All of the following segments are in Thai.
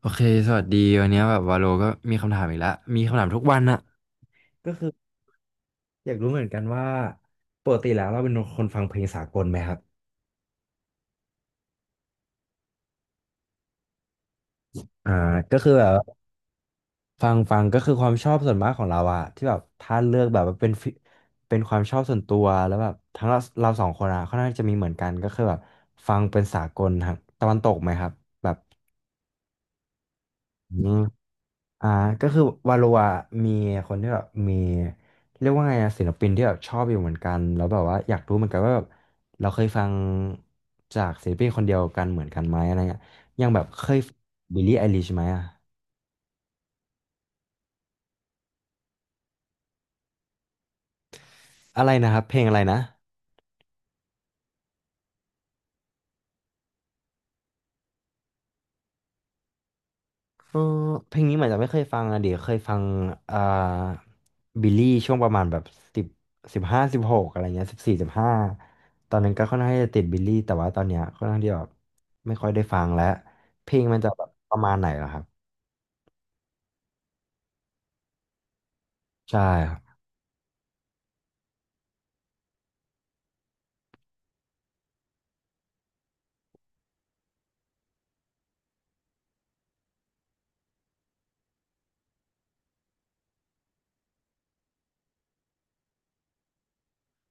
โอเคสวัสดีวันนี้แบบวาโลก็มีคำถามอีกแล้วมีคำถามทุกวันอะก็คืออยากรู้เหมือนกันว่าปกติแล้วเราเป็นคนฟังเพลงสากลไหมครับอ่าก็คือแบบฟังก็คือความชอบส่วนมากของเราอะที่แบบถ้าเลือกแบบว่าเป็นฟิเป็นความชอบส่วนตัวแล้วแบบทั้งเราสองคนอะค่อนข้างจะมีเหมือนกันก็คือแบบฟังเป็นสากลทางตะวันตกไหมครับแบบอืม อ่าก็คือวาโลอะมีคนที่แบบมีเรียกว่าไงอะศิลปินที่แบบชอบอยู่เหมือนกันแล้วแบบว่าอยากรู้เหมือนกันว่าแบบเราเคยฟังจากศิลปินคนเดียวกันเหมือนกันไหมอะไรเงี้ยอย่างแบบเคยบิลลี่ไอลิชไหมอะอะไรนะครับเพลงอะไรนะ เออเพลงนี้เหมือนจะไม่เคยฟังอะเดี๋ยวเคยฟังอ่าบิลลี่ช่วงประมาณแบบสิบสิบห้าสิบหกอะไรเงี้ยสิบสี่สิบห้าตอนนั้นก็ค่อนข้างที่จะติดบิลลี่แต่ว่าตอนเนี้ยค่อนข้างที่แบบไม่ค่อยได้ฟังแล้วเพลงมันจะแบบประมาณไหนเหรอครับใช่ครับ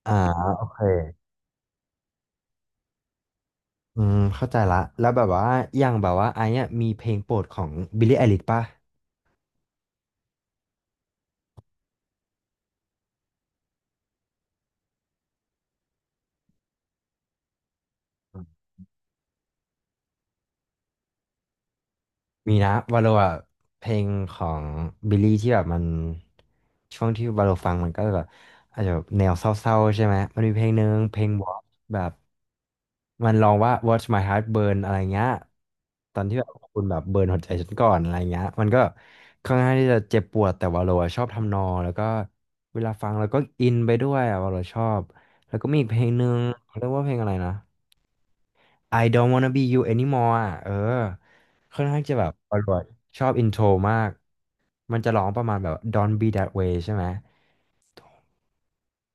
อ่าโอเคอืมเข้าใจละแล้วแบบว่าอย่างแบบว่าไอ้เนี่ยมีเพลงโปรดของบิลลี่ไอริชป่ะ มีนะวาโลอ่ะเพลงของบิลลี่ที่แบบมันช่วงที่วาโลฟังมันก็แบบอาจจะแบบแนวเศร้าๆใช่ไหมมันมีเพลงหนึ่งเพลงบอกแบบมันร้องว่า Watch My Heart Burn อะไรเงี้ยตอนที่แบบคุณแบบเบิร์นหัวใจฉันก่อนอะไรเงี้ยมันก็ค่อนข้างที่จะเจ็บปวดแต่วาโลอ่ะชอบทำนองแล้วก็เวลาฟังแล้วก็อินไปด้วยอ่ะวาโลชอบแล้วก็มีอีกเพลงหนึ่งเขาเรียกว่าเพลงอะไรนะ I don't wanna be you anymore อ่ะเออค่อนข้างจะแบบอร่อยชอบอินโทรมากมันจะร้องประมาณแบบ Don't be that way ใช่ไหม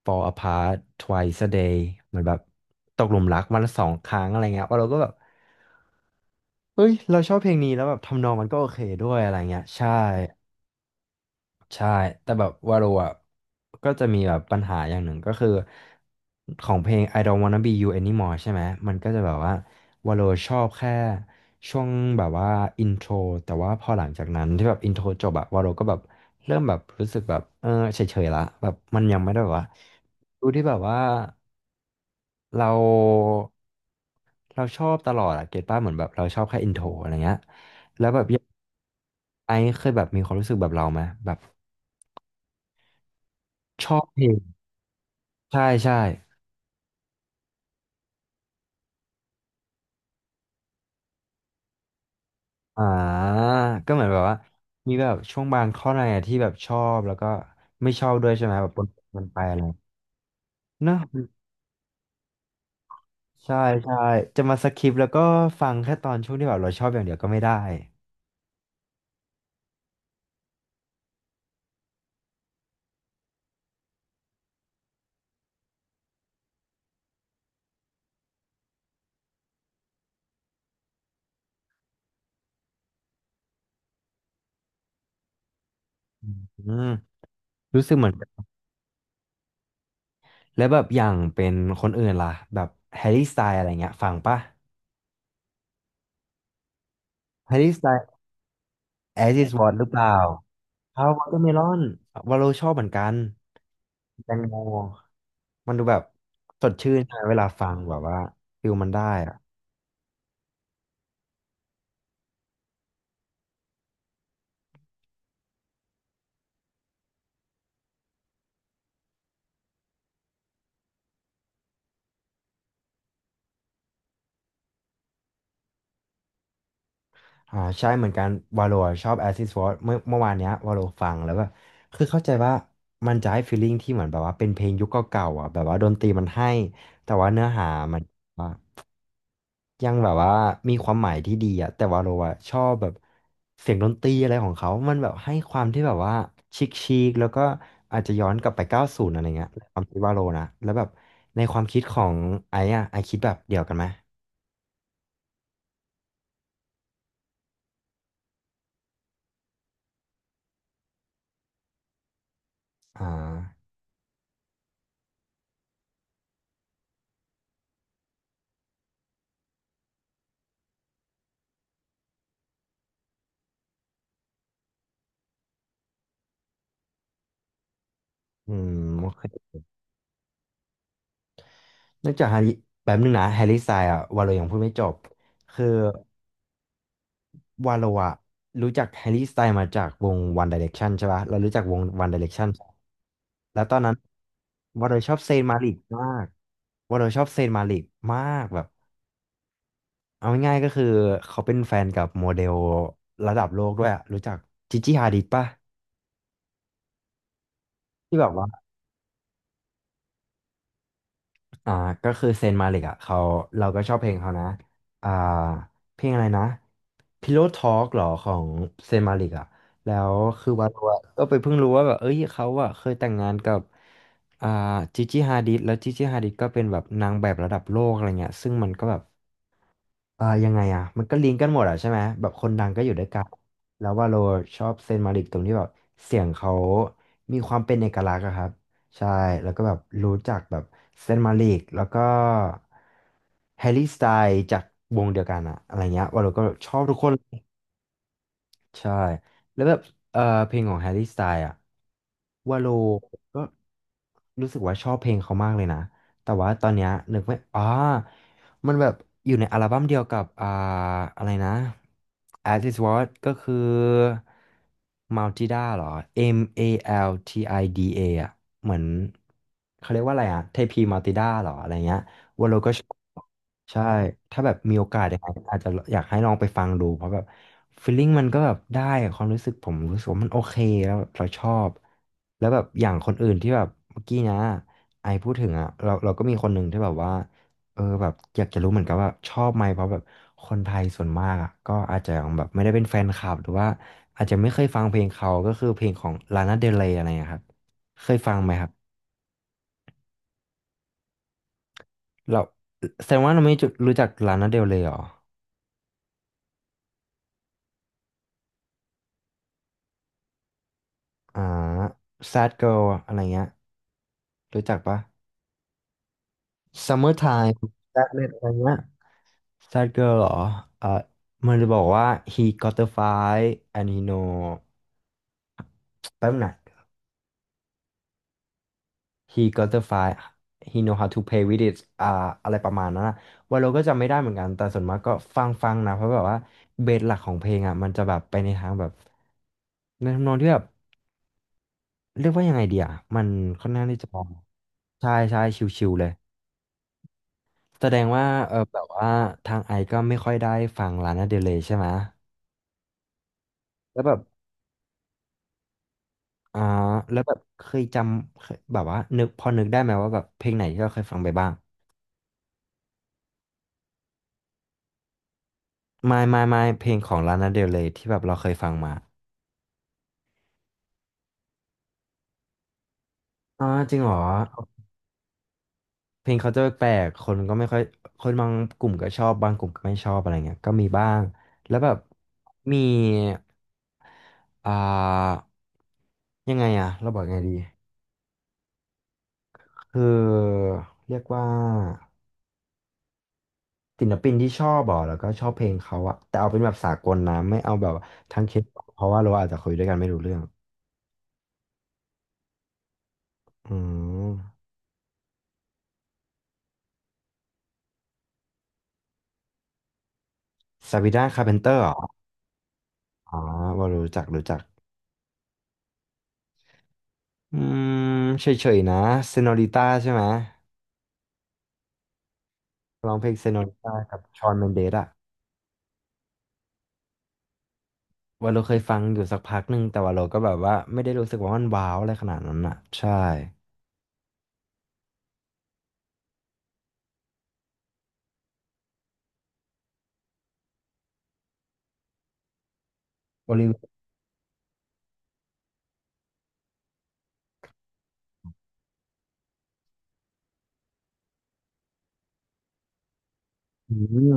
Fall apart twice a day เหมือนแบบตกหลุมรักวันละสองครั้งอะไรเงี้ยว่าเราก็แบบเฮ้ยเราชอบเพลงนี้แล้วแบบทำนองมันก็โอเคด้วยอะไรเงี้ยใช่ ใช่ แต่แบบวาโรอ่ะก็จะมีแบบปัญหาอย่างหนึ่งก็คือของเพลง I don't wanna be you anymore ใช่ไหมมันก็จะแบบว่าวาโรชอบแค่ช่วงแบบว่าอินโทรแต่ว่าพอหลังจากนั้นที่แบบอินโทรจบอะวาโรก็แบบเริ่มแบบรู้สึกแบบเออเฉยๆละแบบมันยังไม่ได้แบบว่าดูที่แบบว่าเราเราชอบตลอดอะเก็ตป้าเหมือนแบบเราชอบแค่อินโทรอะไรเงี้ยแล้วแบบไอซ์เคยแบบมีความรู้สึกแบบเราไหมแบบชอบเพลง ใช่ใช่อ่าก็เหมือนแบบว่ามีแบบช่วงบางข้อในอะที่แบบชอบแล้วก็ไม่ชอบด้วยใช่ไหมแบบปนกันไปอะไรเนาะใช่ใช่จะมาสคิปแล้วก็ฟังแค่ตอนช่วงที่แบบเราชอบอย่างเดียวก็ไม่ได้อืมรู้สึกเหมือนกันแล้วแบบอย่างเป็นคนอื่นล่ะแบบแฮร์รี่สไตล์อะไรเงี้ยฟังปะแฮร์รี่สไตล์ As is What หรือเปล่า How Watermelon วาโลชอบเหมือนกัน แตงโมมันดูแบบสดชื่นใช่ไหมเวลาฟังแบบว่าฟิลมันได้อะใช่เหมือนกันวาโลชอบแอซิสฟอร์เมื่อวานเนี้ยวาโลฟังแล้วแบบคือเข้าใจว่ามันจะให้ฟีลลิ่งที่เหมือนแบบว่าเป็นเพลงยุคเก่าๆอ่ะแบบว่าดนตรีมันให้แต่ว่าเนื้อหามัน ยังแบบว่ามีความหมายที่ดีอะแต่ว่าเราอะชอบแบบเสียงดนตรีอะไรของเขา มันแบบให้ความที่แบบว่าชิคชิคแล้วก็อาจจะย้อนกลับไป90อะไรเงี้ยความคิดว่าโลนะแล้วแบบในความคิดของไอ้อะไอคิดแบบเดียวกันไหมอ่าอืมโอเคนอกจากฮาริแป๊บนึงนะแฮร์รี่สไตล์อะวาโลยังพูดไม่จบคือ วาโลอะรู้จักแฮร์รี่สไตล์มาจากวง One Direction ใช่ปะเรารู้จักวง One Direction ใช่แล้วตอนนั้นวาโลชอบเซนมาลิกมากวาโลชอบเซนมาลิกมากแบบเอาง่ายๆก็คือเขาเป็นแฟนกับโมเดลระดับโลกด้วยอะรู้จักจิจิฮาดิดปะที่แบบว่า อ่าก็คือเซนมาลิกอ่ะเขาเราก็ชอบเพลงเขานะอ่าเพลงอะไรนะ Pillow Talk หรอของเซนมาลิกอ่ะแล้วคือวาโรอะก็ไปเพิ่งรู้ว่าแบบเอ้ยเขาอ่ะเคยแต่งงานกับอ่าจิจิฮาดิดแล้วจิจิฮาดิดก็เป็นแบบนางแบบระดับโลกอะไรเงี้ยซึ่งมันก็แบบ ยังไงอ่ะมันก็ลิงก์กันหมดอ่ะใช่ไหมแบบคนดังก็อยู่ด้วยกันแล้วว่าโลชอบเซนมาริกตรงที่แบบเสียงเขามีความเป็นเอกลักษณ์อะครับใช่แล้วก็แบบรู้จักแบบเซนมาริกแล้วก็แฮร์รี่สไตล์จากวงเดียวกันอะอะไรเงี้ยว่าโลก็ชอบทุกคน ใช่แล้วแบบเออเพลงของแฮร์รี่สไตล์อะวาโลก็รู้สึกว่าชอบเพลงเขามากเลยนะแต่ว่าตอนเนี้ยนึกไม่อ๋อมันแบบอยู่ในอัลบั้มเดียวกับอะไรนะ As Is What ก็คือ Maltida เหรอ M A L T I D A อลทีไอดีเออ่ะเหมือนเขาเรียกว่าอะไรอ่ะเทพีมัลติด้าเหรออะไรเงี้ยวาโลก็ชอบ ใช่ ถ้าแบบมีโอกาสยังไงอาจจะอยากให้ลองไปฟังดูเพราะแบบฟีลลิ่งมันก็แบบได้อความรู้สึกผมรู้สึกว่ามันโอเคแล้วแบบเราชอบแล้วแบบอย่างคนอื่นที่แบบเมื่อกี้นะไอพูดถึงอ่ะเราก็มีคนหนึ่งที่แบบว่าเออแบบอยากจะรู้เหมือนกันว่าชอบไหมเพราะแบบคนไทยส่วนมากอ่ะก็อาจจะยังแบบไม่ได้เป็นแฟนคลับหรือว่าอาจจะไม่เคยฟังเพลงเขาก็คือเพลงของลานาเดลเรยอะไรนะครับเคยฟังไหมครับเราแสดงว่าเราไม่รู้จักลานาเดลเรยหรอ อ่า Sad Girl อะไรเงี้ยรู้จักปะ Summertime Sadness อะไรเงี้ย Sad Girl เหรอเอ่อมันจะบอกว่า he got the fight and he know แป๊บหนะ he got the fight he know how to play with it อะไรประมาณนั้นนะว่าเราก็จำไม่ได้เหมือนกันแต่ส่วนมากก็ฟังนะเพราะแบบว่าเบสหลักของเพลงอ่ะมันจะแบบไปในทางแบบในทำนองที่แบบเรียกว่ายังไงดีอ่ะมันค่อนข้างที่จะใช่ชิวๆเลย แสดงว่าเออแบบว่าทางไอซ์ก็ไม่ค่อยได้ฟังลานาเดลเรย์ใช่ไหมแล้วแบบอ่าแล้วแบบเคยจำเคยแบบว่านึกพอนึกได้ไหมว่าแบบเพลงไหนที่เราเคยฟังไปบ้างไม่เพลงของลานาเดลเรย์ที่แบบเราเคยฟังมาอ๋อจริงเหรอเพลงเขาจะแปลกๆคนก็ไม่ค่อยคนบางกลุ่มก็ชอบบางกลุ่มก็ไม่ชอบอะไรเงี้ยก็มีบ้างแล้วแบบมีอ่ายังไงอะเราบอกยังไงดีคือเรียกว่า ศิลปินที่ชอบอ่ะแล้วก็ชอบเพลงเขาอะแต่เอาเป็นแบบสากลนะไม่เอาแบบทั้งเคปเพราะว่าเราอาจจะคุยด้วยกันไม่รู้เรื่องอืมซาบีนาคาร์เพนเตอร์เหรออ๋อว่ารู้จักอืมเฉยๆนะเซโนริต้าใช่ไหมร้องเพลงเซโนริต้ากับชอนเมนเดสอะว่าเราเคยฟังอยู่สักพักหนึ่งแต่ว่าเราก็แบบว่าไม่ได้รู้สึกว่ามันว้าวอะไรขนาดนั้นอะใช่โอลิเวีย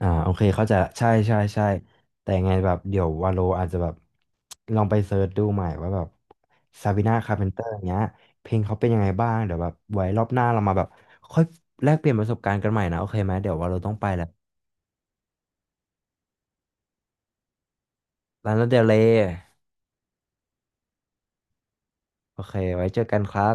อ่าโอเคเขาใจะใช่แต่ยังไงแบบเดี๋ยววาโลอาจจะแบบลองไปเซิร์ชดูใหม่ว่าแบบซา b ิน่าคาร์เพนเตอร์เงี้ยเพลงเขาเป็นยังไงบ้างเดี๋ยวแบบไว้รอบหน้าเรามาแบบค่อยแลกเปลี่ยนประสบการณ์กันใหม่นะโอเคไหมเดี๋ยววาโลต้องไปแล้วลานาเดลเลยโอเคไว้เจอกันครับ